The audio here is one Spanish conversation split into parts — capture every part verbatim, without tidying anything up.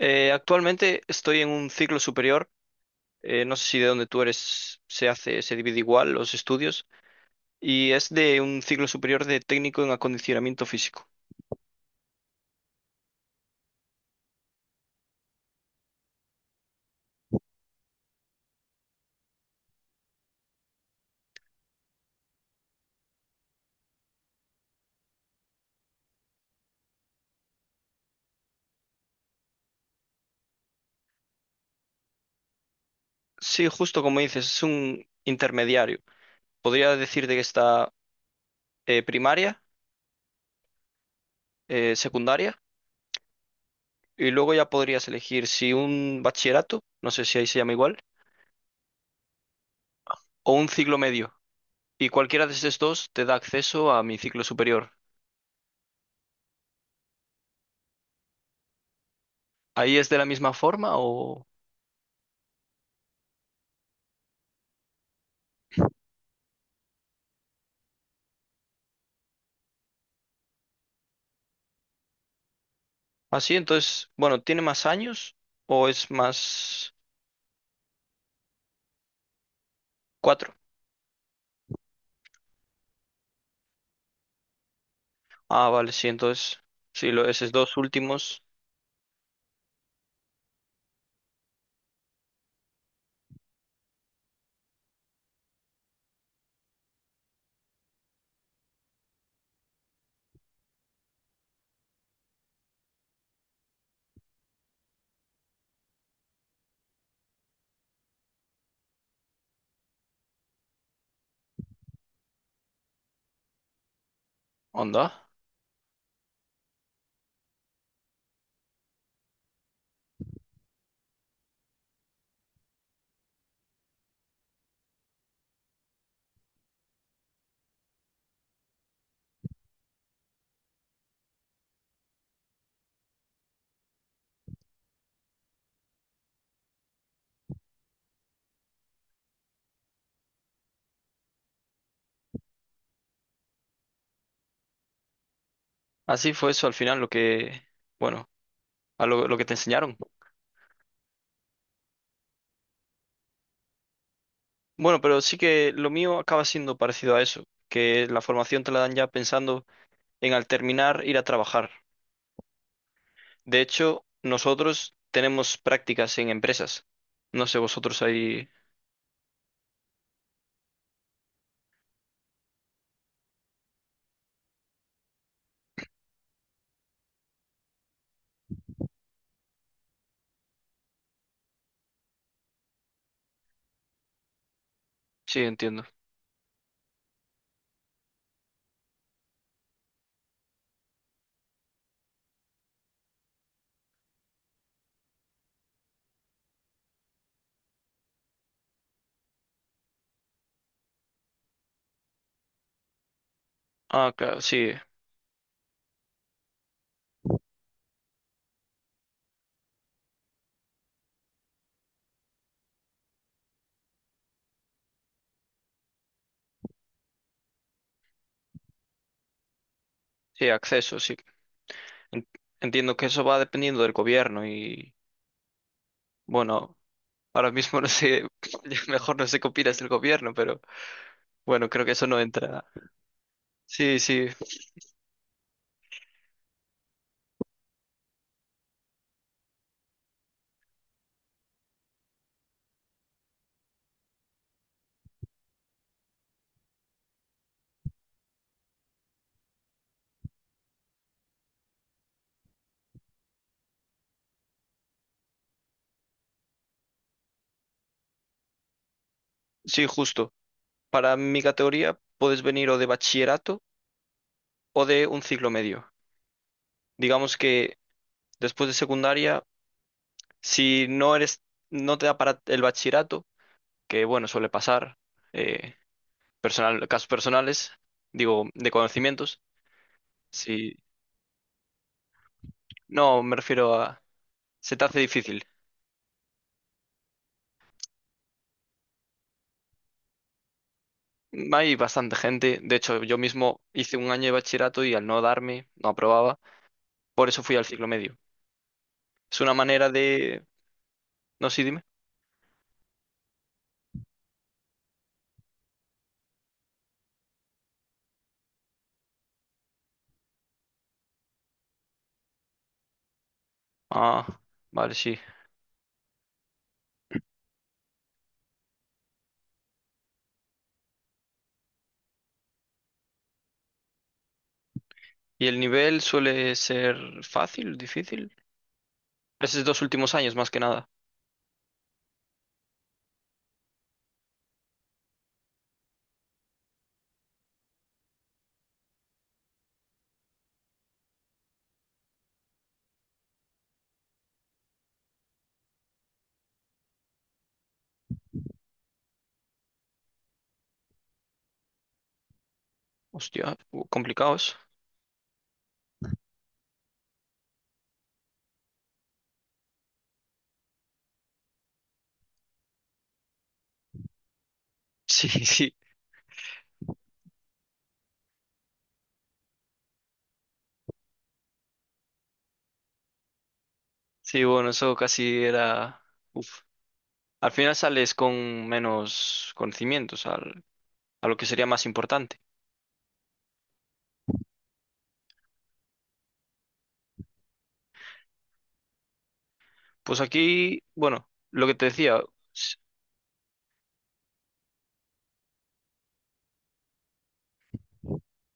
Eh, actualmente estoy en un ciclo superior, eh, no sé si de donde tú eres se hace, se divide igual los estudios, y es de un ciclo superior de técnico en acondicionamiento físico. Sí, justo como dices, es un intermediario. Podría decirte que está eh, primaria, eh, secundaria, y luego ya podrías elegir si un bachillerato, no sé si ahí se llama igual, o un ciclo medio. Y cualquiera de estos dos te da acceso a mi ciclo superior. ¿Ahí es de la misma forma o...? Así, entonces, bueno, ¿tiene más años o es más cuatro? Ah, vale, sí, entonces, sí, lo, esos dos últimos, onda. Así fue eso al final lo que, bueno, a lo, lo que te enseñaron. Bueno, pero sí que lo mío acaba siendo parecido a eso, que la formación te la dan ya pensando en al terminar ir a trabajar. De hecho, nosotros tenemos prácticas en empresas. No sé, vosotros ahí, sí, entiendo. Ah, claro, sí, sí, acceso, sí. En- Entiendo que eso va dependiendo del gobierno y bueno, ahora mismo no sé, ya mejor no sé qué opinas del gobierno, pero bueno, creo que eso no entra. Sí, sí, sí, justo. Para mi categoría puedes venir o de bachillerato o de un ciclo medio. Digamos que después de secundaria, si no eres, no te da para el bachillerato, que bueno, suele pasar, eh, personal, casos personales, digo, de conocimientos, si no, me refiero a, se te hace difícil. Hay bastante gente. De hecho, yo mismo hice un año de bachillerato y al no darme, no aprobaba. Por eso fui al ciclo medio. Es una manera de... No, sí, dime. Ah, vale, sí. ¿Y el nivel suele ser fácil, difícil? Esos dos últimos años, más que nada. Hostia, uh, complicados. Sí, sí. Sí, bueno, eso casi era... Uf. Al final sales con menos conocimientos al- a lo que sería más importante. Pues aquí, bueno, lo que te decía.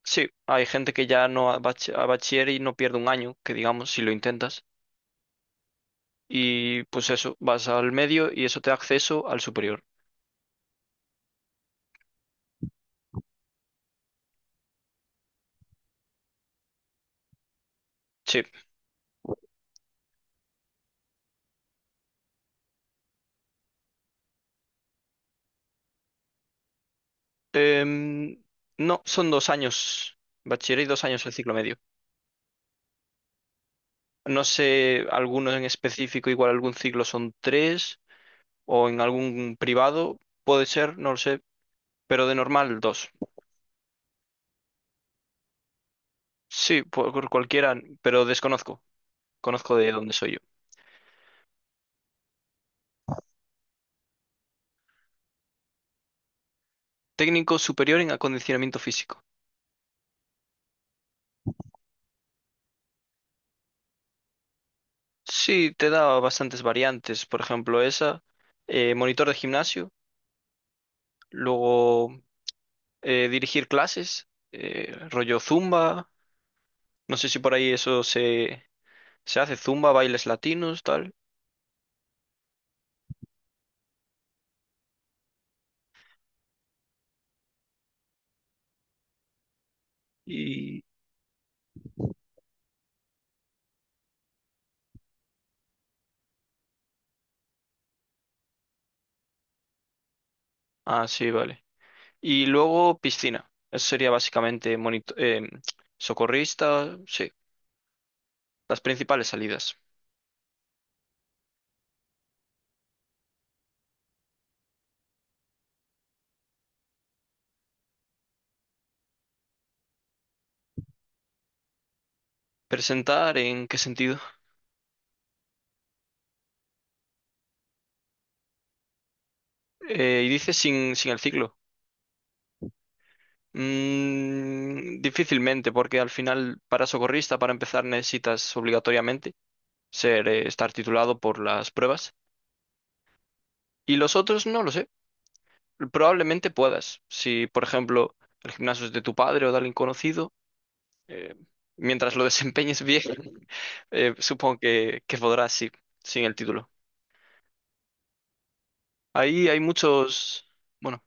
Sí, hay gente que ya no a bach- a bachiller y no pierde un año, que digamos, si lo intentas. Y pues eso, vas al medio y eso te da acceso al superior. Sí. Em, no, son dos años bachiller y dos años el ciclo medio. No sé, algunos en específico, igual algún ciclo son tres o en algún privado, puede ser, no lo sé, pero de normal dos. Sí, por por cualquiera, pero desconozco. Conozco de dónde soy yo. Técnico superior en acondicionamiento físico. Sí, te da bastantes variantes. Por ejemplo, esa, eh, monitor de gimnasio, luego eh, dirigir clases, eh, rollo zumba. No sé si por ahí eso se, se hace, zumba, bailes latinos, tal. Y. Ah, sí, vale. Y luego piscina. Eso sería básicamente monito- em, socorrista, sí, las principales salidas. ¿Presentar en qué sentido? Eh, y dice sin, sin el ciclo. Mm, difícilmente, porque al final para socorrista, para empezar, necesitas obligatoriamente ser, eh, estar titulado por las pruebas. Y los otros no lo sé. Probablemente puedas. Si, por ejemplo, el gimnasio es de tu padre o de alguien conocido, eh, mientras lo desempeñes bien, eh, supongo que, que podrás, sí, sin el título. Ahí hay muchos... Bueno,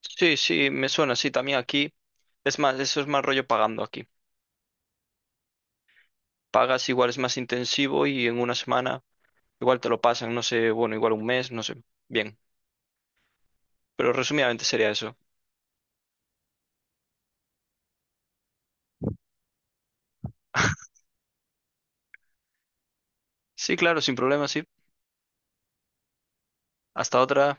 sí, sí, me suena, sí, también aquí. Es más, eso es más rollo pagando aquí. Pagas igual es más intensivo y en una semana... Igual te lo pasan, no sé, bueno, igual un mes, no sé. Bien. Pero resumidamente sería eso. Sí, claro, sin problema, sí. Hasta otra.